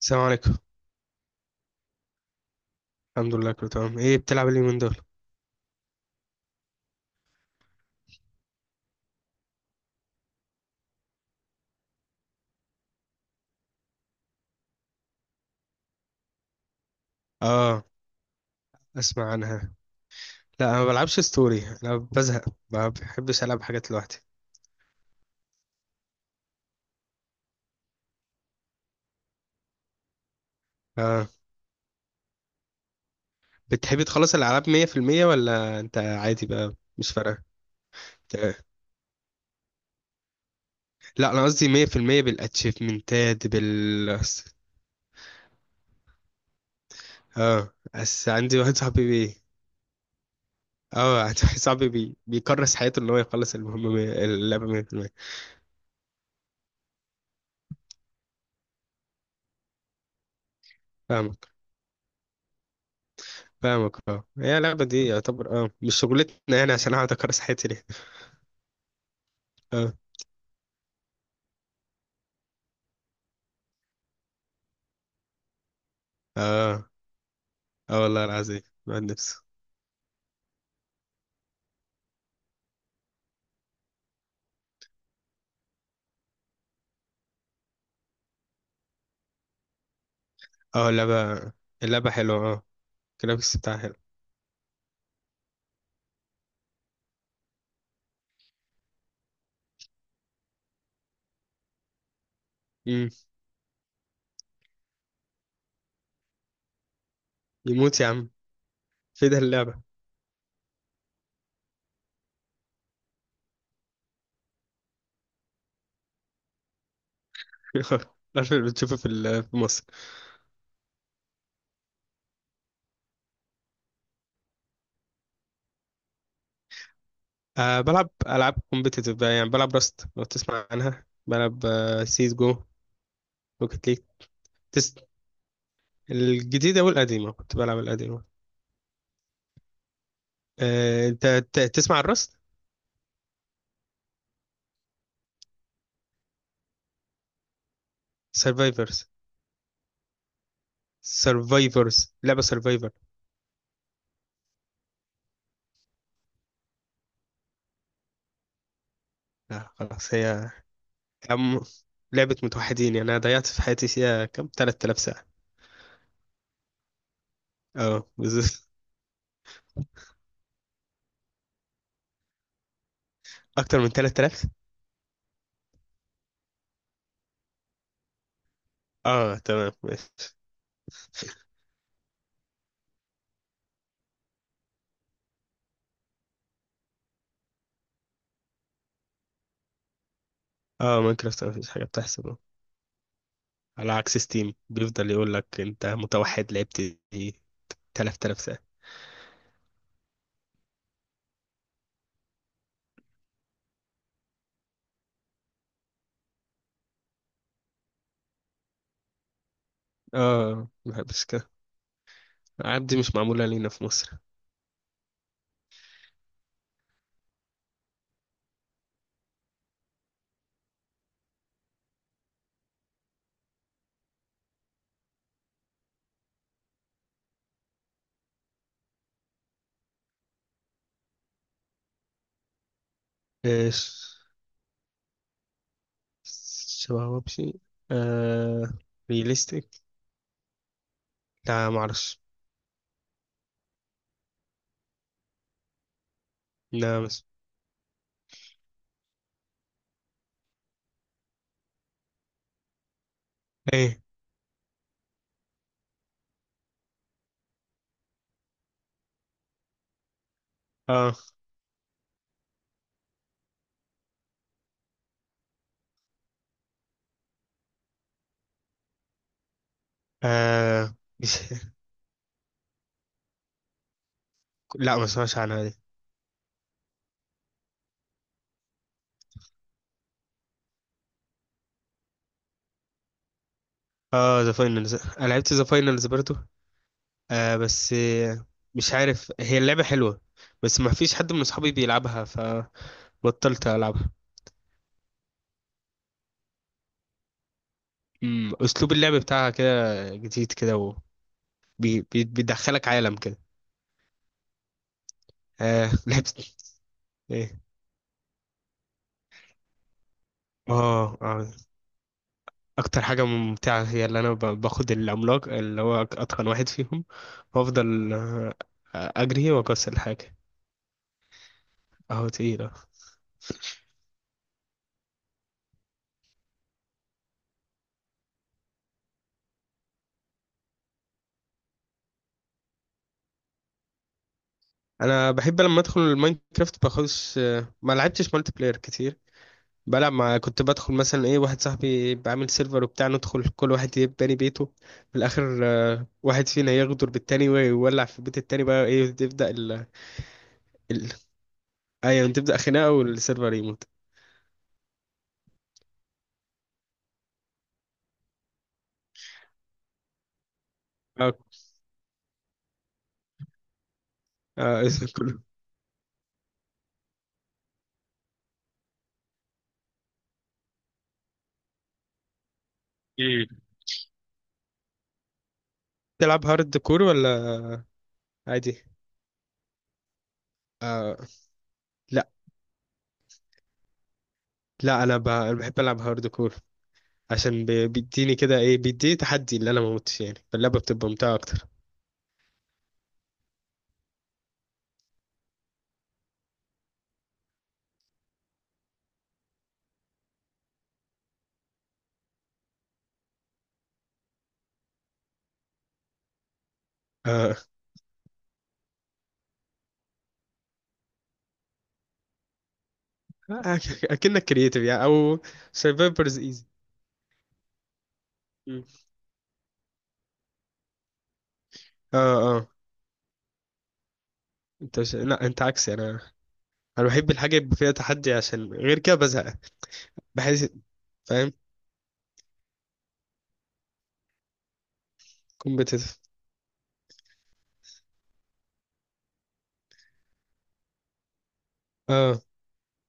السلام عليكم. الحمد لله كله تمام، ايه بتلعب إيه اليومين دول؟ اه اسمع عنها. لا انا ما بلعبش ستوري، انا بزهق. ما بحبش العب حاجات لوحدي. اه بتحبي تخلص الالعاب 100% ولا انت عادي بقى مش فارقه؟ آه. لا انا قصدي 100% بالاتشيفمنتات بال اه بس عندي واحد صاحبي بي اه عندي واحد صاحبي بيكرس حياته ان هو يخلص اللعبه 100%. فاهمك فاهمك. اه هي اللعبه دي يعتبر مش شغلتنا، يعني عشان اقعد اكرس حياتي ليه؟ اه اه اه والله العظيم بعد نفسه. اه اللعبة، اللعبة حلوة. اه، الجرافيكس بتاعها حلو. مم. يموت يا عم في ده اللعبة. عارف اللي بتشوفه في في مصر. آه بلعب ألعاب كومبيتيتيف بقى، يعني بلعب راست لو تسمع عنها، بلعب سيس جو، روكيت ليج، تس... الجديدة والقديمة، كنت بلعب القديمة. آه، انت تسمع الراست؟ سرفايفرز سرفايفرز، لعبة سرفايفر. لا خلاص، هي م- لعبة متوحدين، يعني أنا ضيعت في حياتي فيها كام 3000 ساعة. اه بالظبط، اكتر من 3000. اه تمام ماشي. اه ماينكرافت مفيش حاجه بتحصل. آه، على عكس ستيم بيفضل يقول لك انت متوحد لعبت ايه 3000 ساعه. اه، ما بحبش كده. العاب دي مش معموله لينا في مصر. ايش، شبه وبشي؟ آه، ريليستيك. لا ما اعرفش. لا مش ايه. اه، آه، مش لا ما اسمعش عنها دي. اه ذا فاينلز، انا لعبت ذا فاينلز برضو. آه بس آه، مش عارف، هي اللعبة حلوة بس ما فيش حد من اصحابي بيلعبها، فبطلت العبها. مم. اسلوب اللعب بتاعها كده جديد كده، وبيدخلك عالم كده. آه لعبت ايه؟ اه، آه. اكتر حاجة ممتعة هي اللي انا باخد العملاق اللي هو اتقن واحد فيهم، وافضل اجري واكسر الحاجة. اهو تقيلة. انا بحب لما ادخل الماينكرافت باخدش آه، ما لعبتش مالتي بلاير كتير. بلعب مع كنت بدخل مثلا ايه واحد صاحبي بعمل سيرفر وبتاع، ندخل كل واحد يبني باني بيته. في الاخر واحد فينا يغدر بالتاني ويولع في بيت التاني، بقى ايه تبدا ال... ايوه تبدا خناقه والسيرفر يموت. اه، اه اسم كله إيه. تلعب هارد كور ولا عادي؟ آه لا لا، انا أنا بحب العب هارد كور، عشان بيديني كده ايه، بيديني تحدي اللي انا ما موتش، يعني فاللعبه بتبقى ممتعه اكتر. اه اكنك كرييتيف يعني او سرفايفرز ايزي. اه، اه، انت لا انت عكسي. انا بحب الحاجه يبقى فيها تحدي، عشان غير كده بزهق، بحس. فاهم. كومبيتيتيف. اه،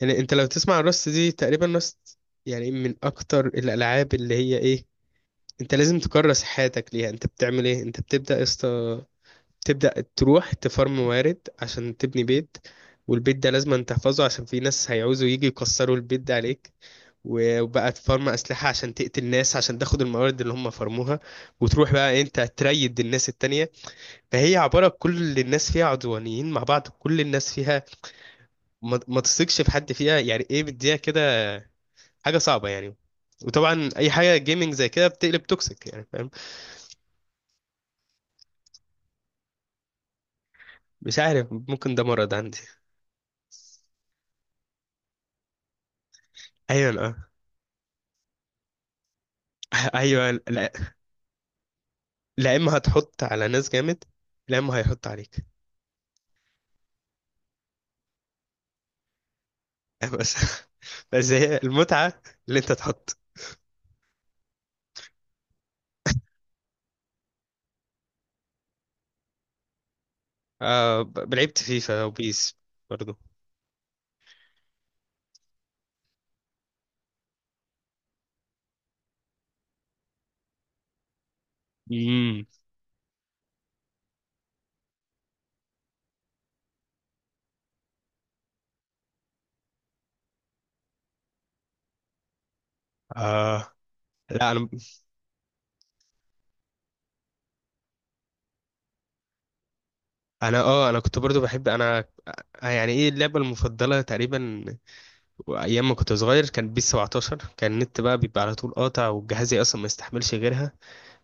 يعني انت لو تسمع الرست دي، تقريبا رست يعني من اكتر الالعاب اللي هي ايه، انت لازم تكرس حياتك ليها. انت بتعمل ايه، انت بتبدا يا اسطى تبدا تروح تفرم موارد عشان تبني بيت. والبيت ده لازم أن تحفظه عشان في ناس هيعوزوا يجي يكسروا البيت ده عليك. وبقى تفرم أسلحة عشان تقتل ناس عشان تاخد الموارد اللي هم فرموها، وتروح بقى إيه، انت تريد الناس التانية. فهي عبارة كل الناس فيها عدوانيين مع بعض، كل الناس فيها ما تثقش في حد فيها، يعني ايه بديها كده، حاجة صعبة يعني. وطبعا اي حاجة جيمنج زي كده بتقلب توكسيك، يعني فاهم. مش عارف، ممكن ده مرض عندي. ايوه اه ايوه لا. لا اما هتحط على ناس جامد، لا اما هيحط عليك. بس بس هي المتعة اللي انت تحط. آه، لعبت فيفا وبيس برضو. امم. آه لا. انا كنت برضو بحب انا آه، يعني ايه اللعبة المفضلة تقريبا ايام ما كنت صغير، كان بيس 17. كان النت بقى بيبقى على طول قاطع، وجهازي اصلا ما يستحملش غيرها.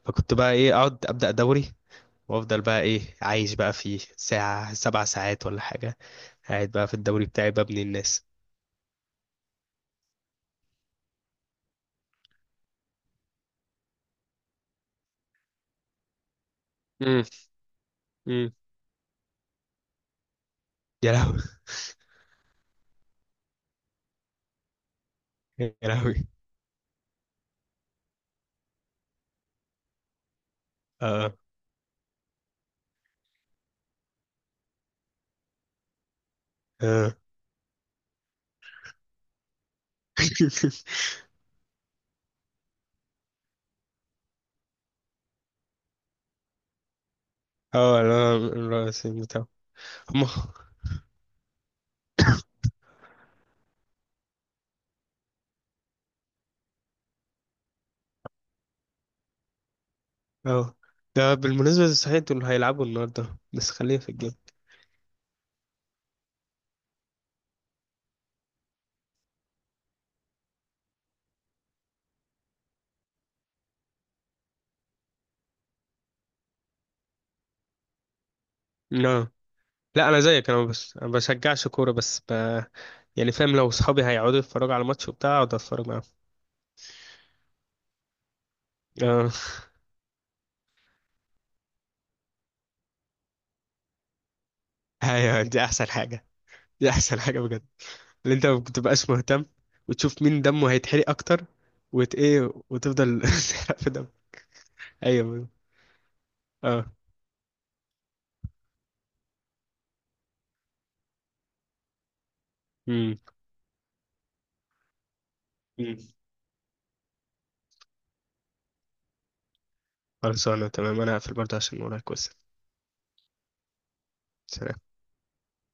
فكنت بقى ايه اقعد ابدأ دوري، وافضل بقى ايه عايش بقى فيه ساعة سبع ساعات ولا حاجة، قاعد بقى في الدوري بتاعي ببني الناس. امم. امم. يا لهوي. يا لهوي. اه. اه اه، لا الرئيس بتاعه. هم. اه، ده بالمناسبة صحيح دول هيلعبوا النهاردة، بس خلينا في الجيم. لا انا زيك، انا بس أنا بشجعش كوره، يعني فاهم لو صحابي هيقعدوا يتفرجوا على ماتش وبتاع اقعد اتفرج معاهم. اه ايوه دي احسن حاجه، دي احسن حاجه بجد. اللي انت ما بتبقاش مهتم، وتشوف مين دمه هيتحرق اكتر، وت ايه وتفضل تحرق في دم. ايوه. اه. امم. أمم. خلاص انا تمام، انا هقفل برضه عشان ورايا كويس. سلام.